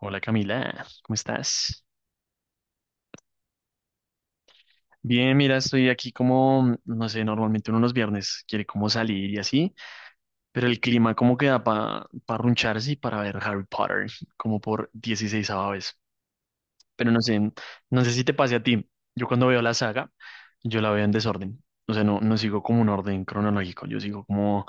Hola Camila, ¿cómo estás? Bien, mira, estoy aquí como, no sé, normalmente uno los viernes quiere como salir y así, pero el clima como que da para parruncharse y para ver Harry Potter como por 16 vez. Pero no sé si te pase a ti. Yo cuando veo la saga, yo la veo en desorden. O sea, no sigo como un orden cronológico, yo sigo como,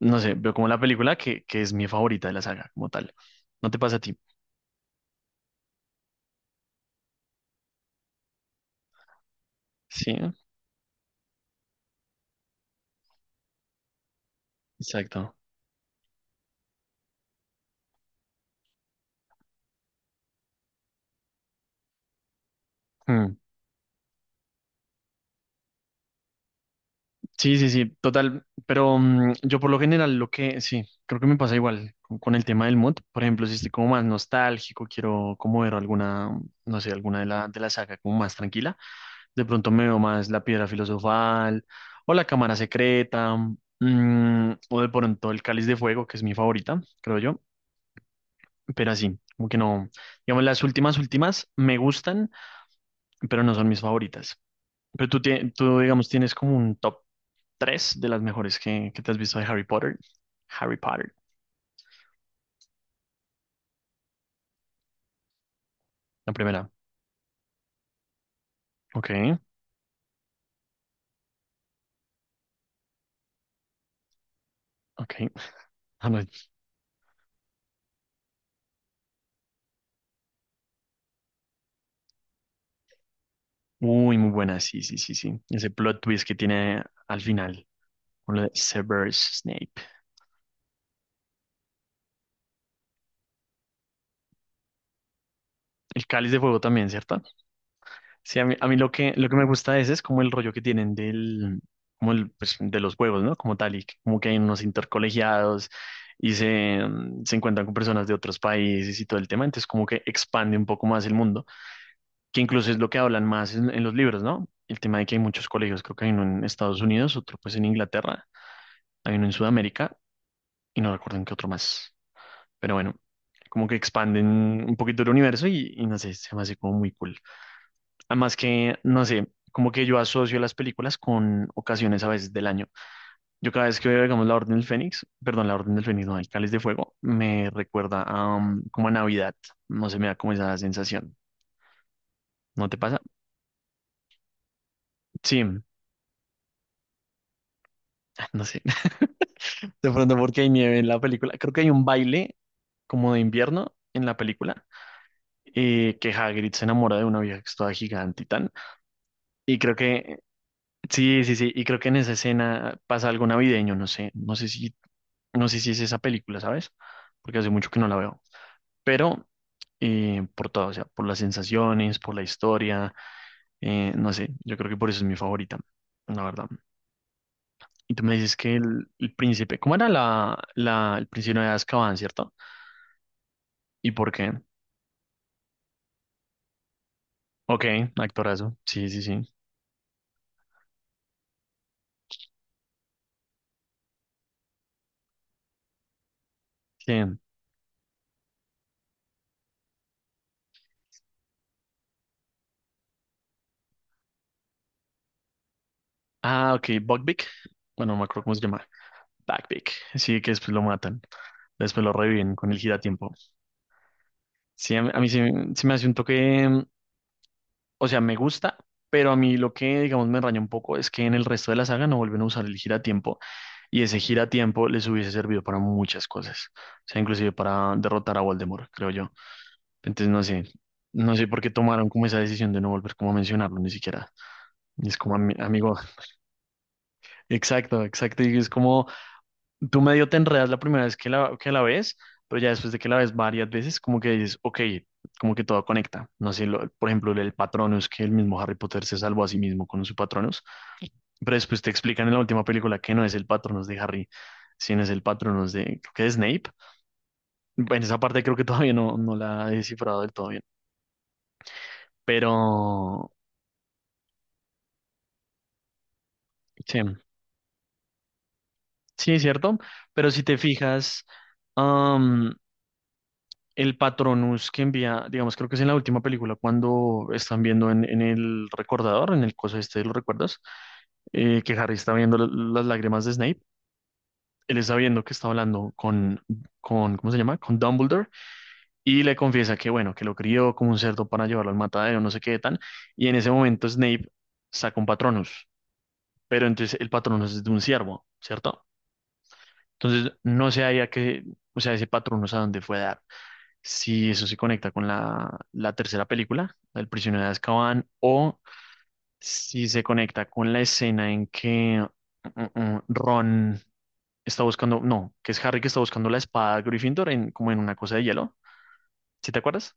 no sé, veo como la película que es mi favorita de la saga como tal. ¿No te pasa a ti? Sí, exacto. Hmm. Sí, sí, sí, total. Pero yo por lo general lo que, sí, creo que me pasa igual con el tema del mod. Por ejemplo, si estoy como más nostálgico, quiero como ver alguna, no sé, alguna de la saga como más tranquila. De pronto me veo más La Piedra Filosofal o La Cámara Secreta, o de pronto El Cáliz de Fuego, que es mi favorita, creo yo. Pero así, como que no, digamos, las últimas, últimas me gustan, pero no son mis favoritas. Pero tú, tú, digamos, tienes como un top 3 de las mejores que te has visto de Harry Potter. Harry Potter, la primera. Ok, ok. Ah, no. Uy, muy buena, sí, sí, sí, sí. Ese plot twist que tiene al final, con lo de Severus Snape. El Cáliz de Fuego también, ¿cierto? Sí, a mí lo que me gusta de ese es como el rollo que tienen del, como el, pues, de los juegos, ¿no? Como tal, y como que hay unos intercolegiados y se encuentran con personas de otros países y todo el tema, entonces como que expande un poco más el mundo, que incluso es lo que hablan más en los libros, ¿no? El tema de que hay muchos colegios, creo que hay uno en Estados Unidos, otro pues en Inglaterra, hay uno en Sudamérica y no recuerdo en qué otro más. Pero bueno, como que expanden un poquito el universo y no sé, se me hace como muy cool. Además que, no sé, como que yo asocio las películas con ocasiones a veces del año. Yo cada vez que veo, digamos, La Orden del Fénix, perdón, La Orden del Fénix, no, El Cáliz de Fuego, me recuerda a, como a Navidad. No sé, me da como esa sensación. ¿No te pasa? Sí, no sé. De pronto porque hay nieve en la película. Creo que hay un baile como de invierno en la película, que Hagrid se enamora de una vieja que es toda gigante y tal. Y creo que, sí, sí, sí, y creo que en esa escena pasa algo navideño, no sé, no sé si es esa película, ¿sabes? Porque hace mucho que no la veo. Pero por todo, o sea, por las sensaciones, por la historia, no sé, yo creo que por eso es mi favorita, la verdad. Y tú me dices que el príncipe, ¿cómo era el príncipe de Azkaban, ¿cierto? ¿Y por qué? Ok, actorazo. Sí, sí, sí. ¿Quién? Ah, ok, Buckbeak. Bueno, no me acuerdo cómo se llama. Buckbeak. Sí, que después lo matan. Después lo reviven con el giratiempo. Sí, a mí se me hace un toque, o sea, me gusta, pero a mí lo que, digamos, me raya un poco es que en el resto de la saga no vuelven a usar el giratiempo, y ese giratiempo les hubiese servido para muchas cosas, o sea, inclusive para derrotar a Voldemort, creo yo. Entonces, no sé por qué tomaron como esa decisión de no volver como a mencionarlo ni siquiera. Y es como, amigo", exacto, exacto. Y es como, tú medio te enredas la primera vez que la ves, pero ya después de que la ves varias veces, como que dices, ok, como que todo conecta. No sé, por ejemplo, el Patronus, que el mismo Harry Potter se salvó a sí mismo con su Patronus, pero después te explican en la última película que no es el Patronus de Harry, sino es el Patronus de, creo que es Snape. En esa parte creo que todavía no la he descifrado del todo bien. Pero, sí, sí, es cierto. Pero si te fijas, el Patronus que envía, digamos, creo que es en la última película cuando están viendo en el recordador, en el coso este, ¿lo recuerdas? Que Harry está viendo las lágrimas de Snape. Él está viendo que está hablando con, ¿cómo se llama? Con Dumbledore, y le confiesa que, bueno, que lo crió como un cerdo para llevarlo al matadero, no sé qué tan. Y en ese momento Snape saca un Patronus, pero entonces el Patronus es de un ciervo, ¿cierto? Entonces no sé ahí a qué, o sea, ese Patronus a dónde fue a dar, si eso se conecta con la tercera película, El prisionero de Azkaban, o si se conecta con la escena en que Ron está buscando, no, que es Harry que está buscando la espada de Gryffindor en, como en una cosa de hielo, ¿sí te acuerdas?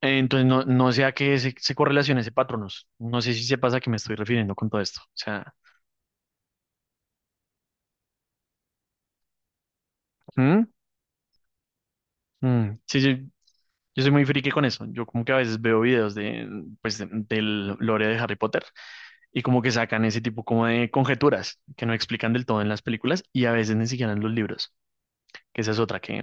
Entonces no, no sea que se correlacione ese patronos, no sé si se pasa que me estoy refiriendo con todo esto, o sea. ¿Mm? Mm, sí, sí. Yo soy muy friki con eso. Yo como que a veces veo videos de, pues, del lore de Harry Potter, y como que sacan ese tipo como de conjeturas que no explican del todo en las películas y a veces ni siquiera en los libros, que esa es otra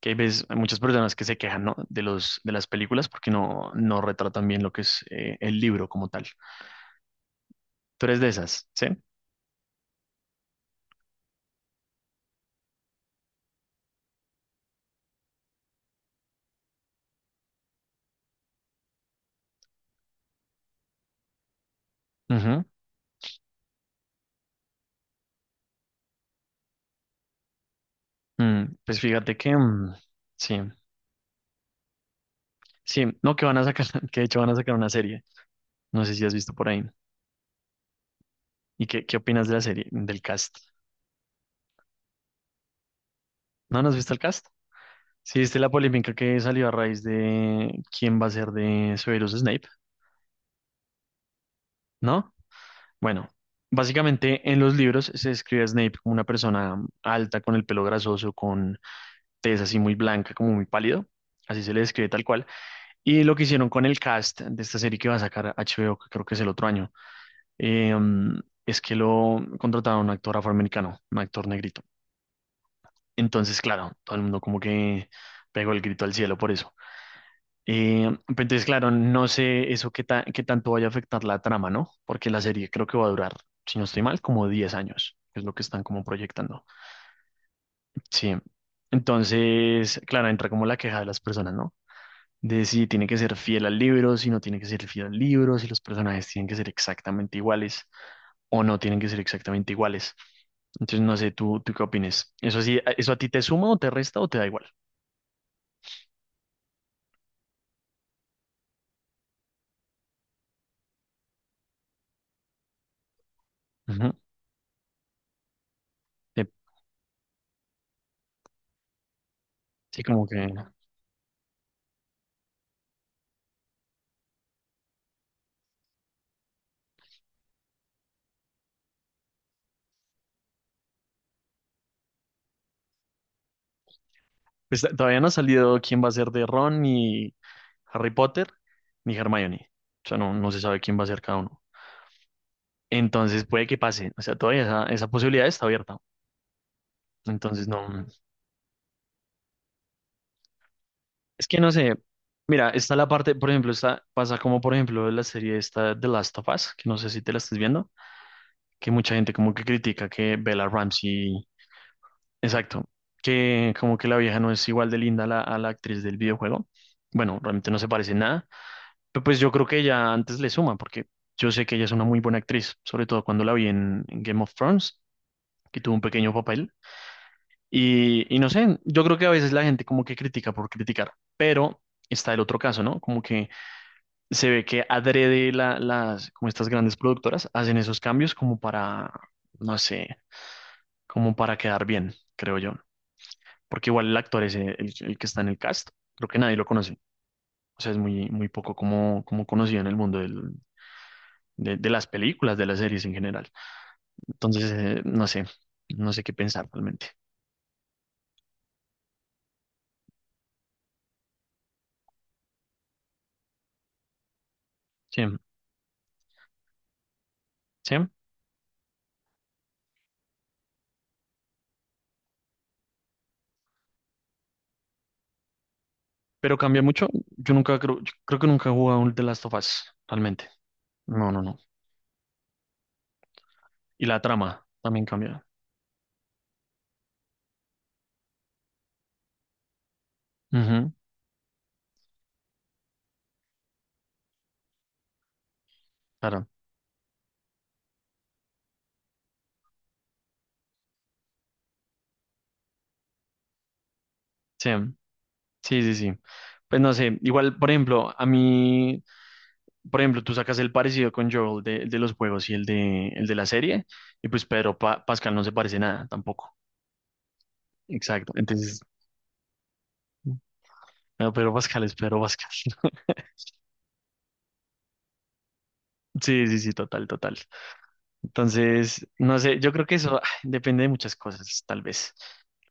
que ves, hay muchas personas que se quejan, ¿no?, de los, de las películas porque no retratan bien lo que es, el libro como tal. Tú eres de esas, ¿sí? Ujú. Pues fíjate que, sí, sí, no, que van a sacar, que de hecho van a sacar una serie, no sé si has visto por ahí. ¿Y qué opinas de la serie, del cast? ¿No, no has visto el cast? Sí, viste la polémica que salió a raíz de quién va a ser de Severus Snape. ¿No? Bueno, básicamente en los libros se describe a Snape como una persona alta, con el pelo grasoso, con tez así muy blanca, como muy pálido. Así se le describe tal cual. Y lo que hicieron con el cast de esta serie que va a sacar HBO, que creo que es el otro año, eh, es que lo contrataron a un actor afroamericano, un actor negrito. Entonces, claro, todo el mundo como que pegó el grito al cielo por eso. Pero entonces, claro, no sé eso qué, qué tanto vaya a afectar la trama, ¿no? Porque la serie creo que va a durar, si no estoy mal, como 10 años, que es lo que están como proyectando. Sí. Entonces, claro, entra como la queja de las personas, ¿no? De si tiene que ser fiel al libro, si no tiene que ser fiel al libro, si los personajes tienen que ser exactamente iguales o no tienen que ser exactamente iguales. Entonces, no sé, ¿tú qué opinas? ¿Eso sí, eso a ti te suma o te resta o te da igual? Ujú. Sí, sí, como que... Pues, todavía no ha salido quién va a ser de Ron, ni Harry Potter, ni Hermione. O sea, no se sabe quién va a ser cada uno. Entonces puede que pase. O sea, todavía esa posibilidad está abierta. Entonces no. Es que no sé. Mira, está la parte, por ejemplo, está, pasa como por ejemplo la serie esta The Last of Us, que no sé si te la estás viendo, que mucha gente como que critica que Bella Ramsey, exacto, que como que la vieja no es igual de linda a la actriz del videojuego. Bueno, realmente no se parece en nada. Pero pues yo creo que ella antes le suma, porque yo sé que ella es una muy buena actriz, sobre todo cuando la vi en Game of Thrones, que tuvo un pequeño papel. Y no sé, yo creo que a veces la gente como que critica por criticar, pero está el otro caso, ¿no? Como que se ve que adrede las, como estas grandes productoras hacen esos cambios como para, no sé, como para quedar bien, creo yo. Porque igual el actor es el que está en el cast, creo que nadie lo conoce. O sea, es muy, muy poco como, como conocido en el mundo de las películas, de las series en general. Entonces, no sé, no sé qué pensar realmente. Sí, sí, pero cambia mucho. Yo nunca creo, yo creo que nunca he jugado un The Last of Us, realmente. No, no, no. Y la trama también cambia. Ujú, claro. Sí, sí, sí, sí. Pues no sé, igual, por ejemplo, a mí, por ejemplo, tú sacas el parecido con Joel de los juegos y el de la serie, y pues Pedro Pascal no se parece nada tampoco. Exacto. Entonces, no, Pedro Pascal es Pedro Pascal. Sí, sí, sí, total, total. Entonces, no sé, yo creo que eso depende de muchas cosas, tal vez.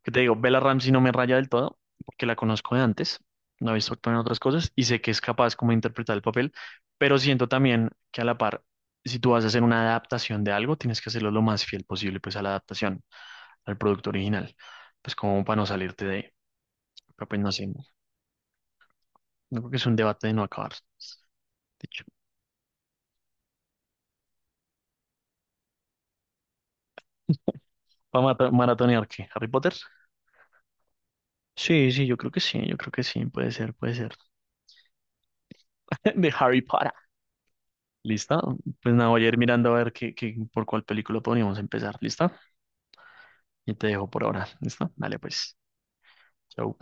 Que te digo, Bella Ramsey no me raya del todo, porque la conozco de antes, no he visto actuar en otras cosas y sé que es capaz como de interpretar el papel, pero siento también que a la par, si tú vas a hacer una adaptación de algo, tienes que hacerlo lo más fiel posible pues a la adaptación, al producto original, pues como para no salirte de, ahí. Pero pues no sé, no creo que es un debate de no acabar. De hecho, para maratonear, ¿qué? ¿Harry Potter? Sí, sí, yo creo que sí, yo creo que sí, puede ser, puede ser. De Harry Potter. ¿Listo? Pues nada, voy a ir mirando a ver qué, por cuál película podríamos empezar. ¿Listo? Y te dejo por ahora. ¿Listo? Dale, pues. Chau.